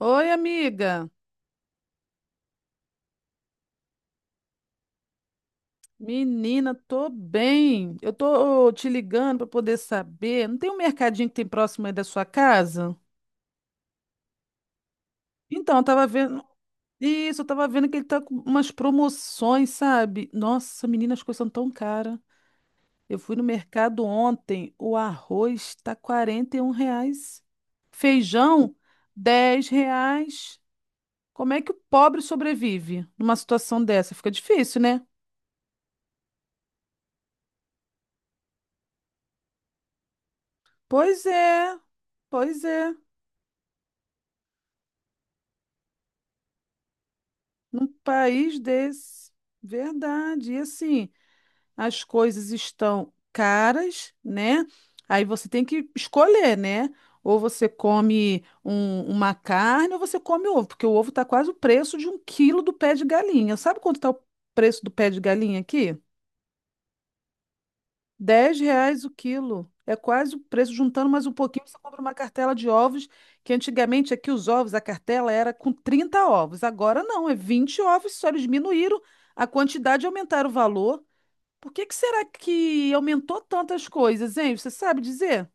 Oi, amiga. Menina, tô bem. Eu tô te ligando para poder saber. Não tem um mercadinho que tem próximo aí da sua casa? Então, eu tava vendo. Isso, eu tava vendo que ele tá com umas promoções, sabe? Nossa, menina, as coisas são tão caras. Eu fui no mercado ontem, o arroz tá R$ 41. Feijão, R$ 10. Como é que o pobre sobrevive numa situação dessa? Fica difícil, né? Pois é, pois é. Num país desse, verdade. E assim, as coisas estão caras, né? Aí você tem que escolher, né? Ou você come uma carne ou você come ovo, porque o ovo está quase o preço de um quilo do pé de galinha. Sabe quanto está o preço do pé de galinha aqui? R$ 10 o quilo. É quase o preço. Juntando mais um pouquinho, você compra uma cartela de ovos, que antigamente aqui os ovos, a cartela era com 30 ovos. Agora não, é 20 ovos, só eles diminuíram a quantidade e aumentaram o valor. Por que que será que aumentou tantas coisas, hein? Você sabe dizer?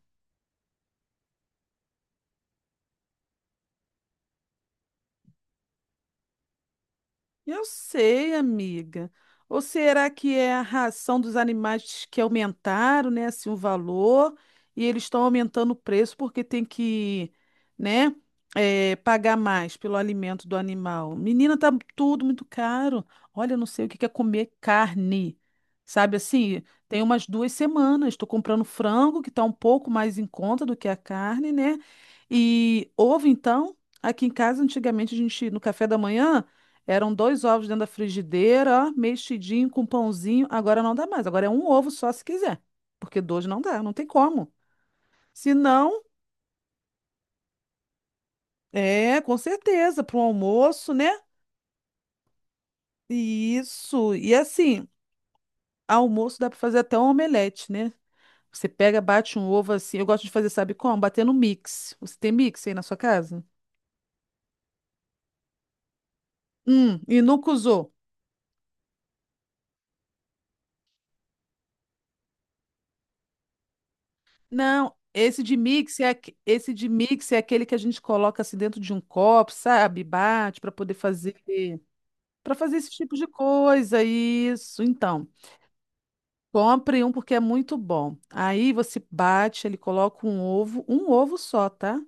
Eu sei, amiga. Ou será que é a ração dos animais que aumentaram, né, assim, o valor e eles estão aumentando o preço porque tem que, né, pagar mais pelo alimento do animal? Menina, tá tudo muito caro. Olha, eu não sei o que que é comer carne. Sabe assim, tem umas 2 semanas, estou comprando frango, que está um pouco mais em conta do que a carne, né? E ovo, então, aqui em casa, antigamente, a gente, no café da manhã. Eram dois ovos dentro da frigideira, ó, mexidinho com pãozinho. Agora não dá mais. Agora é um ovo só se quiser. Porque dois não dá, não tem como. Se não, é, com certeza, para um almoço, né? Isso. E assim, almoço dá para fazer até um omelete, né? Você pega, bate um ovo assim. Eu gosto de fazer, sabe como? Bater no mix. Você tem mix aí na sua casa? E nunca usou. Não, esse de mix é aquele que a gente coloca assim dentro de um copo, sabe? Bate para poder fazer para fazer esse tipo de coisa, isso. Então, compre um porque é muito bom. Aí você bate, ele coloca um ovo só, tá?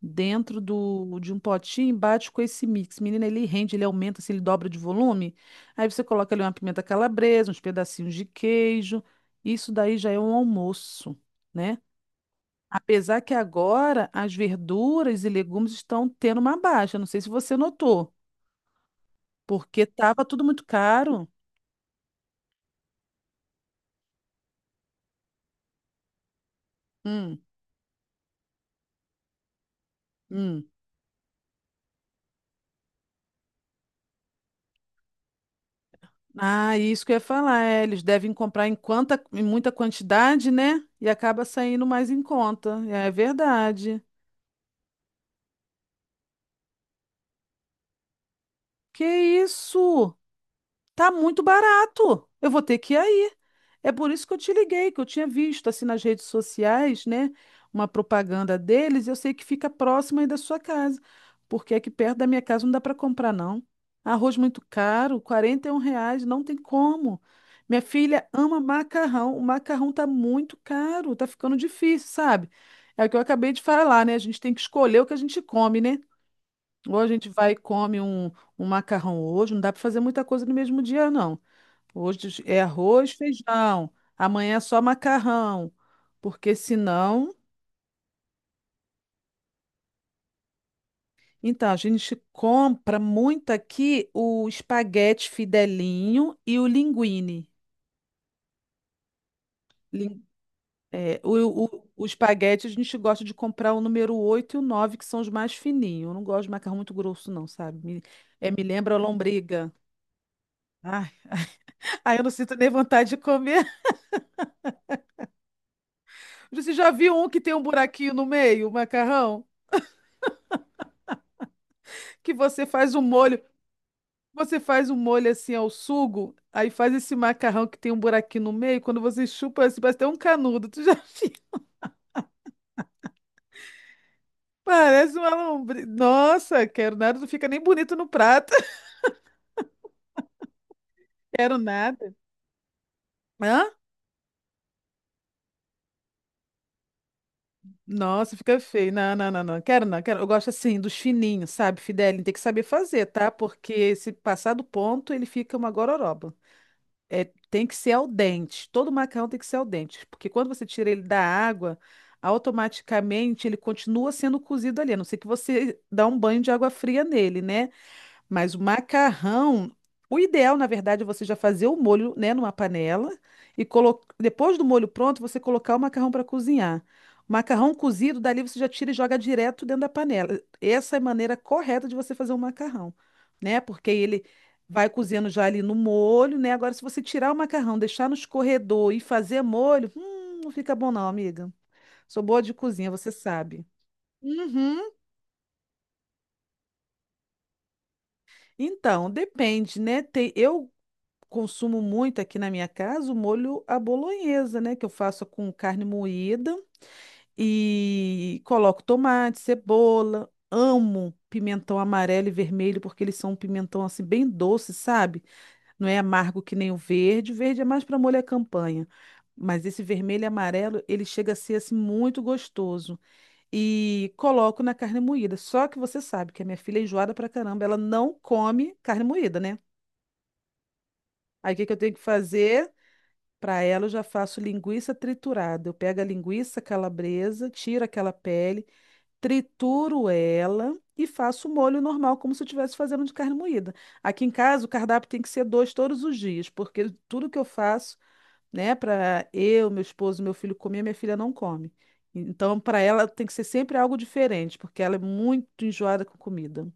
Dentro do, de um potinho, bate com esse mix. Menina, ele rende, ele aumenta, assim, ele dobra de volume. Aí você coloca ali uma pimenta calabresa, uns pedacinhos de queijo. Isso daí já é um almoço, né? Apesar que agora as verduras e legumes estão tendo uma baixa. Não sei se você notou, porque estava tudo muito caro. Hum, hum. Ah, isso que eu ia falar. É, eles devem comprar em muita quantidade, né? E acaba saindo mais em conta. É verdade. Que isso? Tá muito barato. Eu vou ter que ir aí. É por isso que eu te liguei, que eu tinha visto assim nas redes sociais, né, uma propaganda deles, e eu sei que fica próximo aí da sua casa, porque aqui perto da minha casa não dá para comprar não. Arroz muito caro, R$ 41, não tem como. Minha filha ama macarrão, o macarrão tá muito caro, tá ficando difícil, sabe? É o que eu acabei de falar, né? A gente tem que escolher o que a gente come, né? Ou a gente vai e come um macarrão hoje, não dá para fazer muita coisa no mesmo dia, não. Hoje é arroz, feijão. Amanhã é só macarrão. Porque senão. Então, a gente compra muito aqui o espaguete fidelinho e o linguine. Lin- o espaguete a gente gosta de comprar o número oito e o 9, que são os mais fininhos. Eu não gosto de macarrão muito grosso, não, sabe? Me lembra a lombriga. Ai, ai, eu não sinto nem vontade de comer. Você já viu um que tem um buraquinho no meio, o macarrão? Que você faz o molho. Você faz um molho assim ao sugo, aí faz esse macarrão que tem um buraquinho no meio, quando você chupa, assim, parece até um canudo. Tu já viu? Parece uma lombriz. Nossa, quero nada, não fica nem bonito no prato. Quero nada. Hã? Nossa, fica feio. Não, não, não, não. Quero não, quero. Eu gosto assim dos fininhos, sabe, Fidelinho? Tem que saber fazer, tá? Porque se passar do ponto, ele fica uma gororoba. É, tem que ser al dente. Todo macarrão tem que ser al dente, porque quando você tira ele da água, automaticamente ele continua sendo cozido ali, a não ser que você dá um banho de água fria nele, né? Mas o macarrão, o ideal, na verdade, é você já fazer o molho, né, numa panela e colo... depois do molho pronto, você colocar o macarrão para cozinhar. O macarrão cozido, dali você já tira e joga direto dentro da panela. Essa é a maneira correta de você fazer um macarrão, né? Porque ele vai cozendo já ali no molho, né? Agora, se você tirar o macarrão, deixar no escorredor e fazer molho, não fica bom não, amiga. Sou boa de cozinha, você sabe. Uhum. Então, depende, né? Tem, eu consumo muito aqui na minha casa o molho à bolonhesa, né? Que eu faço com carne moída e coloco tomate, cebola. Amo pimentão amarelo e vermelho porque eles são um pimentão assim bem doce, sabe? Não é amargo que nem o verde. O verde é mais para molho à campanha. Mas esse vermelho e amarelo, ele chega a ser assim muito gostoso. E coloco na carne moída. Só que você sabe que a minha filha é enjoada pra caramba, ela não come carne moída, né? Aí o que que eu tenho que fazer? Para ela, eu já faço linguiça triturada. Eu pego a linguiça calabresa, tiro aquela pele, trituro ela e faço o molho normal, como se eu estivesse fazendo de carne moída. Aqui em casa, o cardápio tem que ser dois todos os dias, porque tudo que eu faço, né, para eu, meu esposo, meu filho comer, minha filha não come. Então, para ela, tem que ser sempre algo diferente, porque ela é muito enjoada com comida.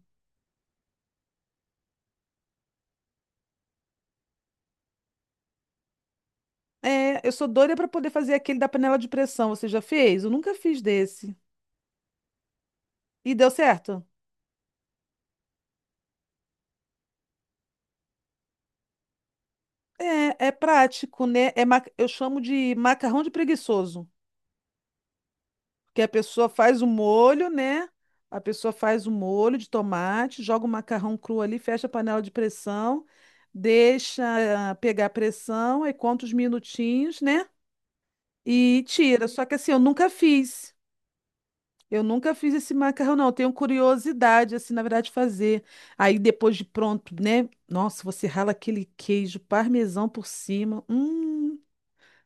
É, eu sou doida para poder fazer aquele da panela de pressão. Você já fez? Eu nunca fiz desse. E deu certo? É, é prático, né? Eu chamo de macarrão de preguiçoso, porque a pessoa faz o molho, né? A pessoa faz o molho de tomate, joga o macarrão cru ali, fecha a panela de pressão, deixa pegar a pressão, aí conta os minutinhos, né? E tira. Só que assim, eu nunca fiz. Eu nunca fiz esse macarrão, não. Eu tenho curiosidade, assim, na verdade, de fazer. Aí depois de pronto, né? Nossa, você rala aquele queijo parmesão por cima. Hum.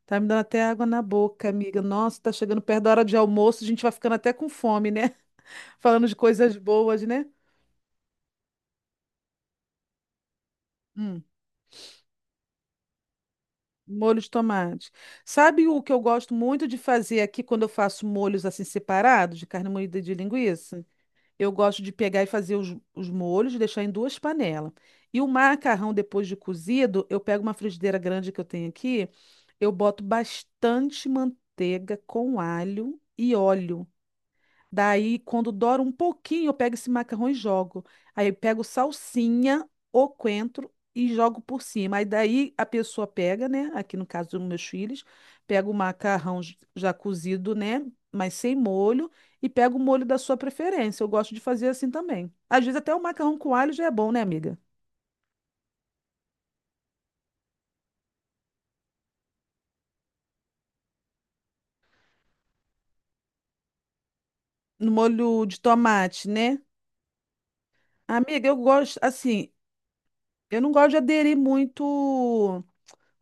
Tá me dando até água na boca, amiga. Nossa, tá chegando perto da hora de almoço, a gente vai ficando até com fome, né? Falando de coisas boas, né? Hum, molho de tomate. Sabe o que eu gosto muito de fazer aqui quando eu faço molhos assim separados, de carne moída e de linguiça? Eu gosto de pegar e fazer os molhos, deixar em duas panelas. E o macarrão, depois de cozido, eu pego uma frigideira grande que eu tenho aqui, eu boto bastante manteiga com alho e óleo. Daí, quando dora um pouquinho, eu pego esse macarrão e jogo. Aí eu pego salsinha, ou coentro e jogo por cima. Aí daí a pessoa pega, né? Aqui no caso dos meus filhos, pega o macarrão já cozido, né? Mas sem molho, e pega o molho da sua preferência. Eu gosto de fazer assim também. Às vezes até o macarrão com alho já é bom, né, amiga? No molho de tomate, né? Amiga, eu gosto, assim, eu não gosto de aderir muito.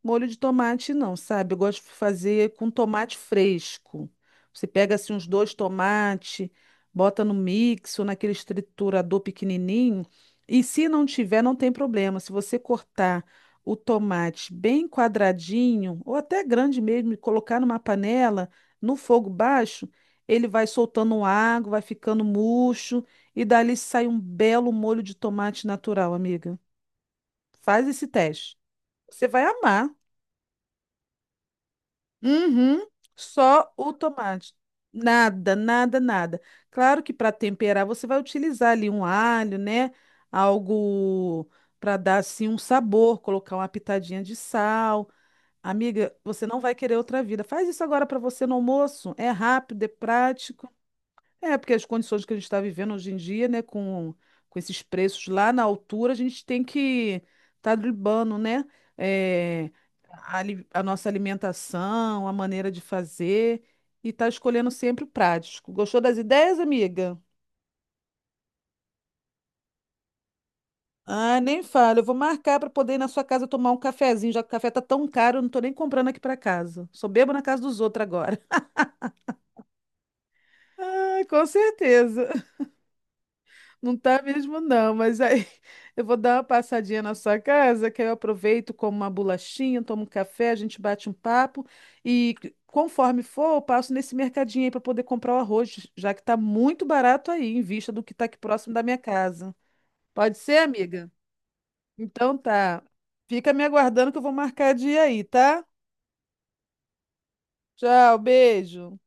Molho de tomate não, sabe? Eu gosto de fazer com tomate fresco. Você pega assim uns dois tomates, bota no mix ou naquele triturador pequenininho. E se não tiver, não tem problema. Se você cortar o tomate bem quadradinho ou até grande mesmo e colocar numa panela no fogo baixo, ele vai soltando água, vai ficando murcho e dali sai um belo molho de tomate natural, amiga. Faz esse teste. Você vai amar. Uhum, só o tomate. Nada, nada, nada. Claro que para temperar você vai utilizar ali um alho, né? Algo para dar assim um sabor, colocar uma pitadinha de sal. Amiga, você não vai querer outra vida. Faz isso agora para você no almoço. É rápido, é prático. É, porque as condições que a gente está vivendo hoje em dia, né, com esses preços lá na altura, a gente tem que estar tá dribando, né, é, a nossa alimentação, a maneira de fazer e tá escolhendo sempre o prático. Gostou das ideias, amiga? Ah, nem falo. Eu vou marcar para poder ir na sua casa tomar um cafezinho, já que o café tá tão caro, eu não tô nem comprando aqui para casa. Só bebo na casa dos outros agora. Ah, com certeza. Não tá mesmo, não, mas aí eu vou dar uma passadinha na sua casa, que aí eu aproveito, como uma bolachinha, tomo um café, a gente bate um papo e conforme for, eu passo nesse mercadinho aí para poder comprar o arroz, já que tá muito barato aí, em vista do que tá aqui próximo da minha casa. Pode ser, amiga? Então tá. Fica me aguardando que eu vou marcar dia aí, tá? Tchau, beijo.